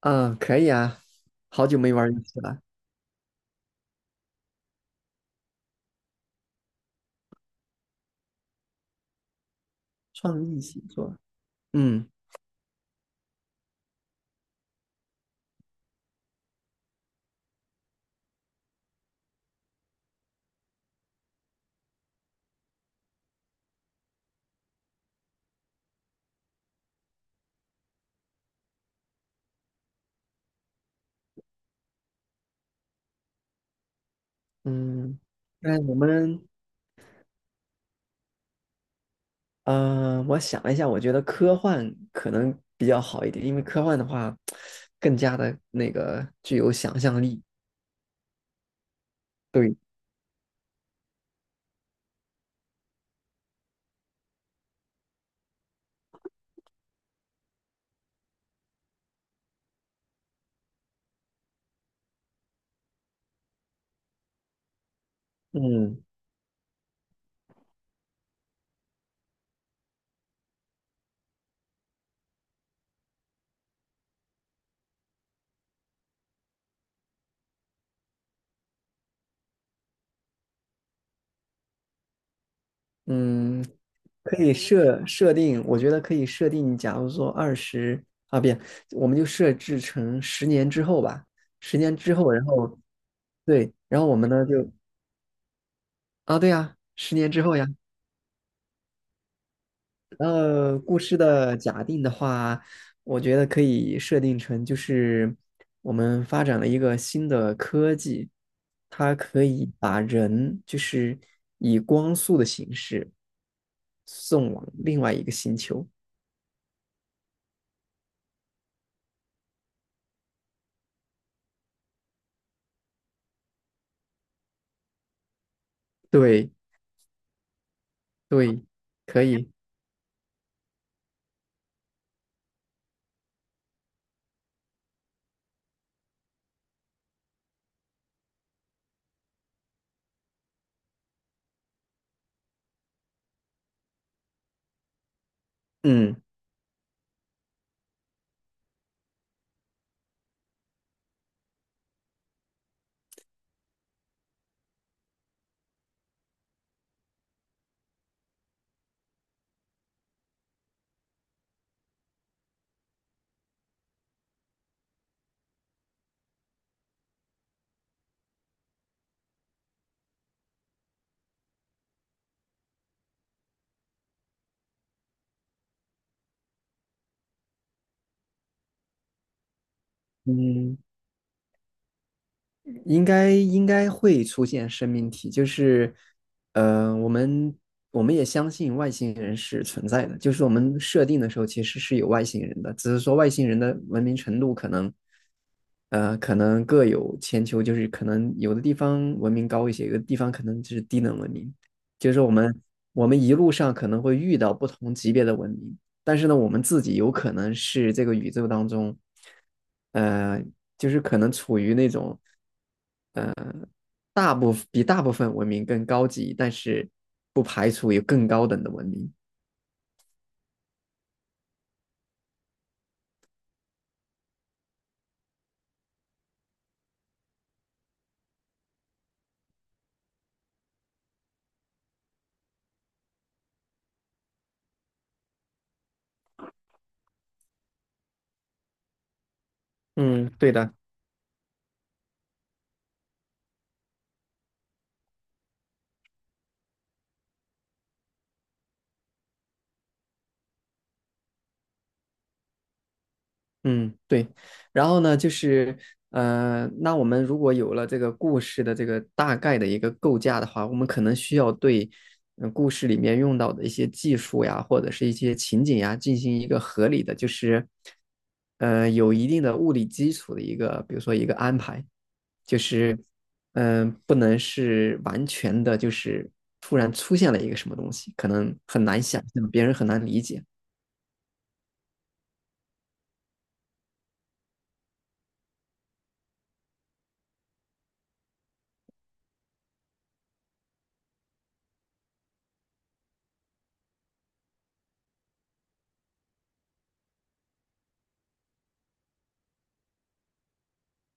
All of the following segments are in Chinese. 嗯，可以啊，好久没玩儿游戏了。创意写作，嗯嗯，那我们，我想了一下，我觉得科幻可能比较好一点，因为科幻的话，更加的那个具有想象力。对，嗯嗯，可以设定，我觉得可以设定，假如说二十啊，不，我们就设置成十年之后吧，十年之后，然后对，然后我们呢就啊，对呀，十年之后呀。故事的假定的话，我觉得可以设定成就是我们发展了一个新的科技，它可以把人就是以光速的形式送往另外一个星球。对对，可以，嗯嗯。应该会出现生命体，就是，呃，我们我们也相信外星人是存在的，就是我们设定的时候其实是有外星人的，只是说外星人的文明程度可能，可能各有千秋，就是可能有的地方文明高一些，有的地方可能就是低等文明，就是我们一路上可能会遇到不同级别的文明，但是呢，我们自己有可能是这个宇宙当中，呃，就是可能处于那种。大部分比大部分文明更高级，但是不排除有更高等的文明。嗯，对的。嗯，对。然后呢，就是那我们如果有了这个故事的这个大概的一个构架的话，我们可能需要对故事里面用到的一些技术呀，或者是一些情景呀，进行一个合理的，就是有一定的物理基础的一个，比如说一个安排，就是不能是完全的，就是突然出现了一个什么东西，可能很难想象，别人很难理解。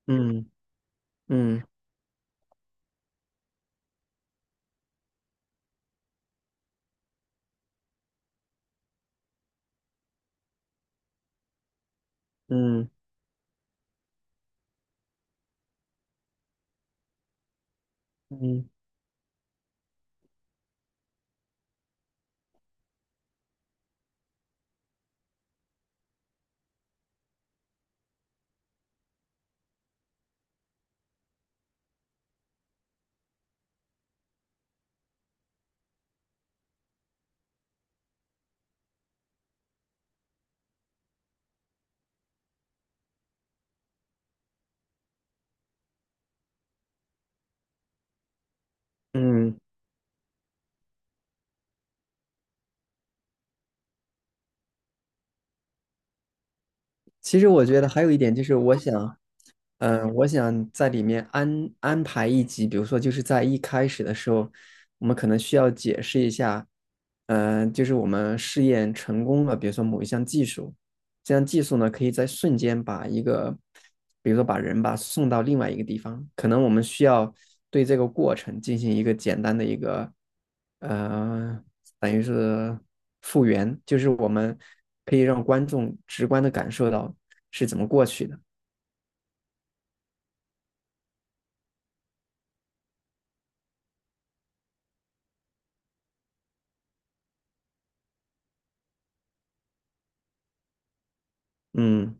嗯嗯嗯嗯。嗯，其实我觉得还有一点就是，我想，我想在里面安排一集，比如说就是在一开始的时候，我们可能需要解释一下，就是我们试验成功了，比如说某一项技术，这样技术呢，可以在瞬间把一个，比如说把人吧送到另外一个地方，可能我们需要对这个过程进行一个简单的一个，呃，等于是复原，就是我们可以让观众直观的感受到是怎么过去的。嗯，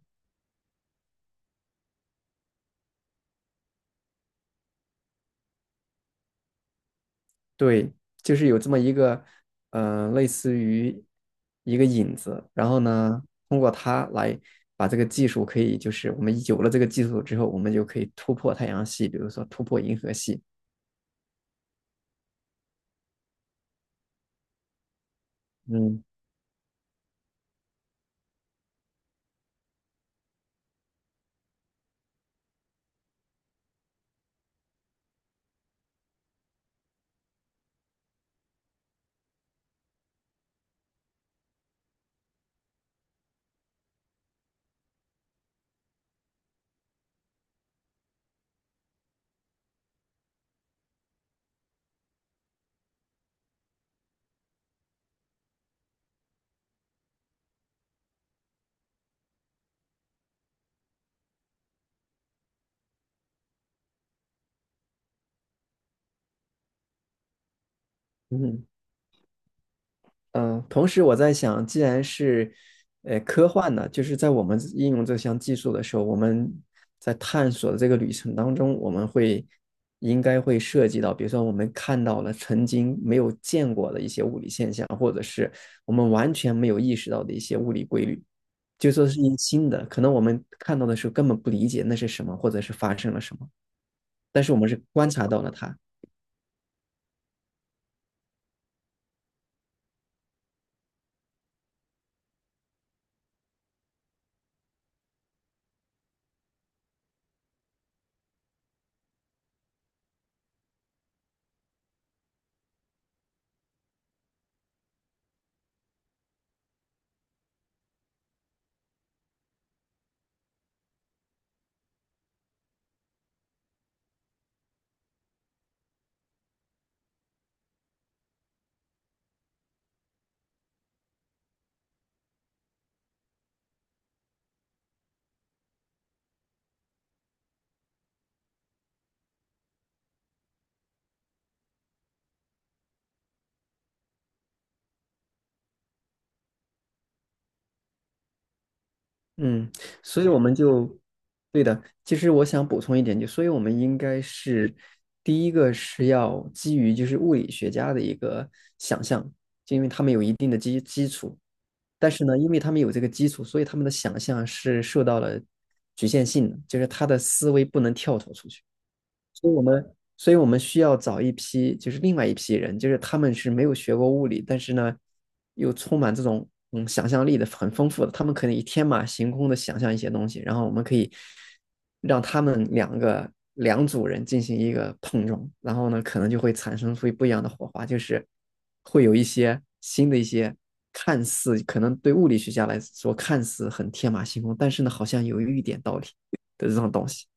对，就是有这么一个，类似于一个引子，然后呢，通过它来把这个技术可以，就是我们有了这个技术之后，我们就可以突破太阳系，比如说突破银河系。嗯嗯，嗯，同时我在想，既然是科幻呢，就是在我们应用这项技术的时候，我们在探索的这个旅程当中，我们会应该会涉及到，比如说我们看到了曾经没有见过的一些物理现象，或者是我们完全没有意识到的一些物理规律，就说是一新的，可能我们看到的时候根本不理解那是什么，或者是发生了什么，但是我们是观察到了它。嗯，所以我们就，对的。其实我想补充一点，就所以我们应该是第一个是要基于就是物理学家的一个想象，就因为他们有一定的基础，但是呢，因为他们有这个基础，所以他们的想象是受到了局限性的，就是他的思维不能跳脱出去。所以我们需要找一批，就是另外一批人，就是他们是没有学过物理，但是呢，又充满这种想象力的，很丰富的，他们可能以天马行空的想象一些东西，然后我们可以让他们两组人进行一个碰撞，然后呢，可能就会产生出不一样的火花，就是会有一些新的一些。看似可能对物理学家来说看似很天马行空，但是呢，好像有一点道理的这种东西。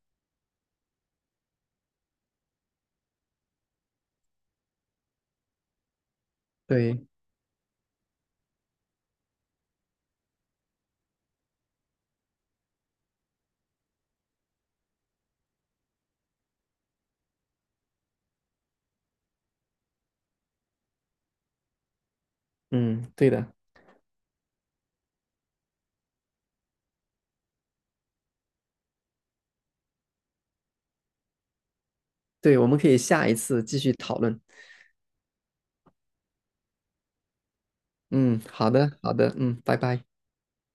对，嗯，对的。对，我们可以下一次继续讨论。嗯，好的，好的，嗯，拜拜。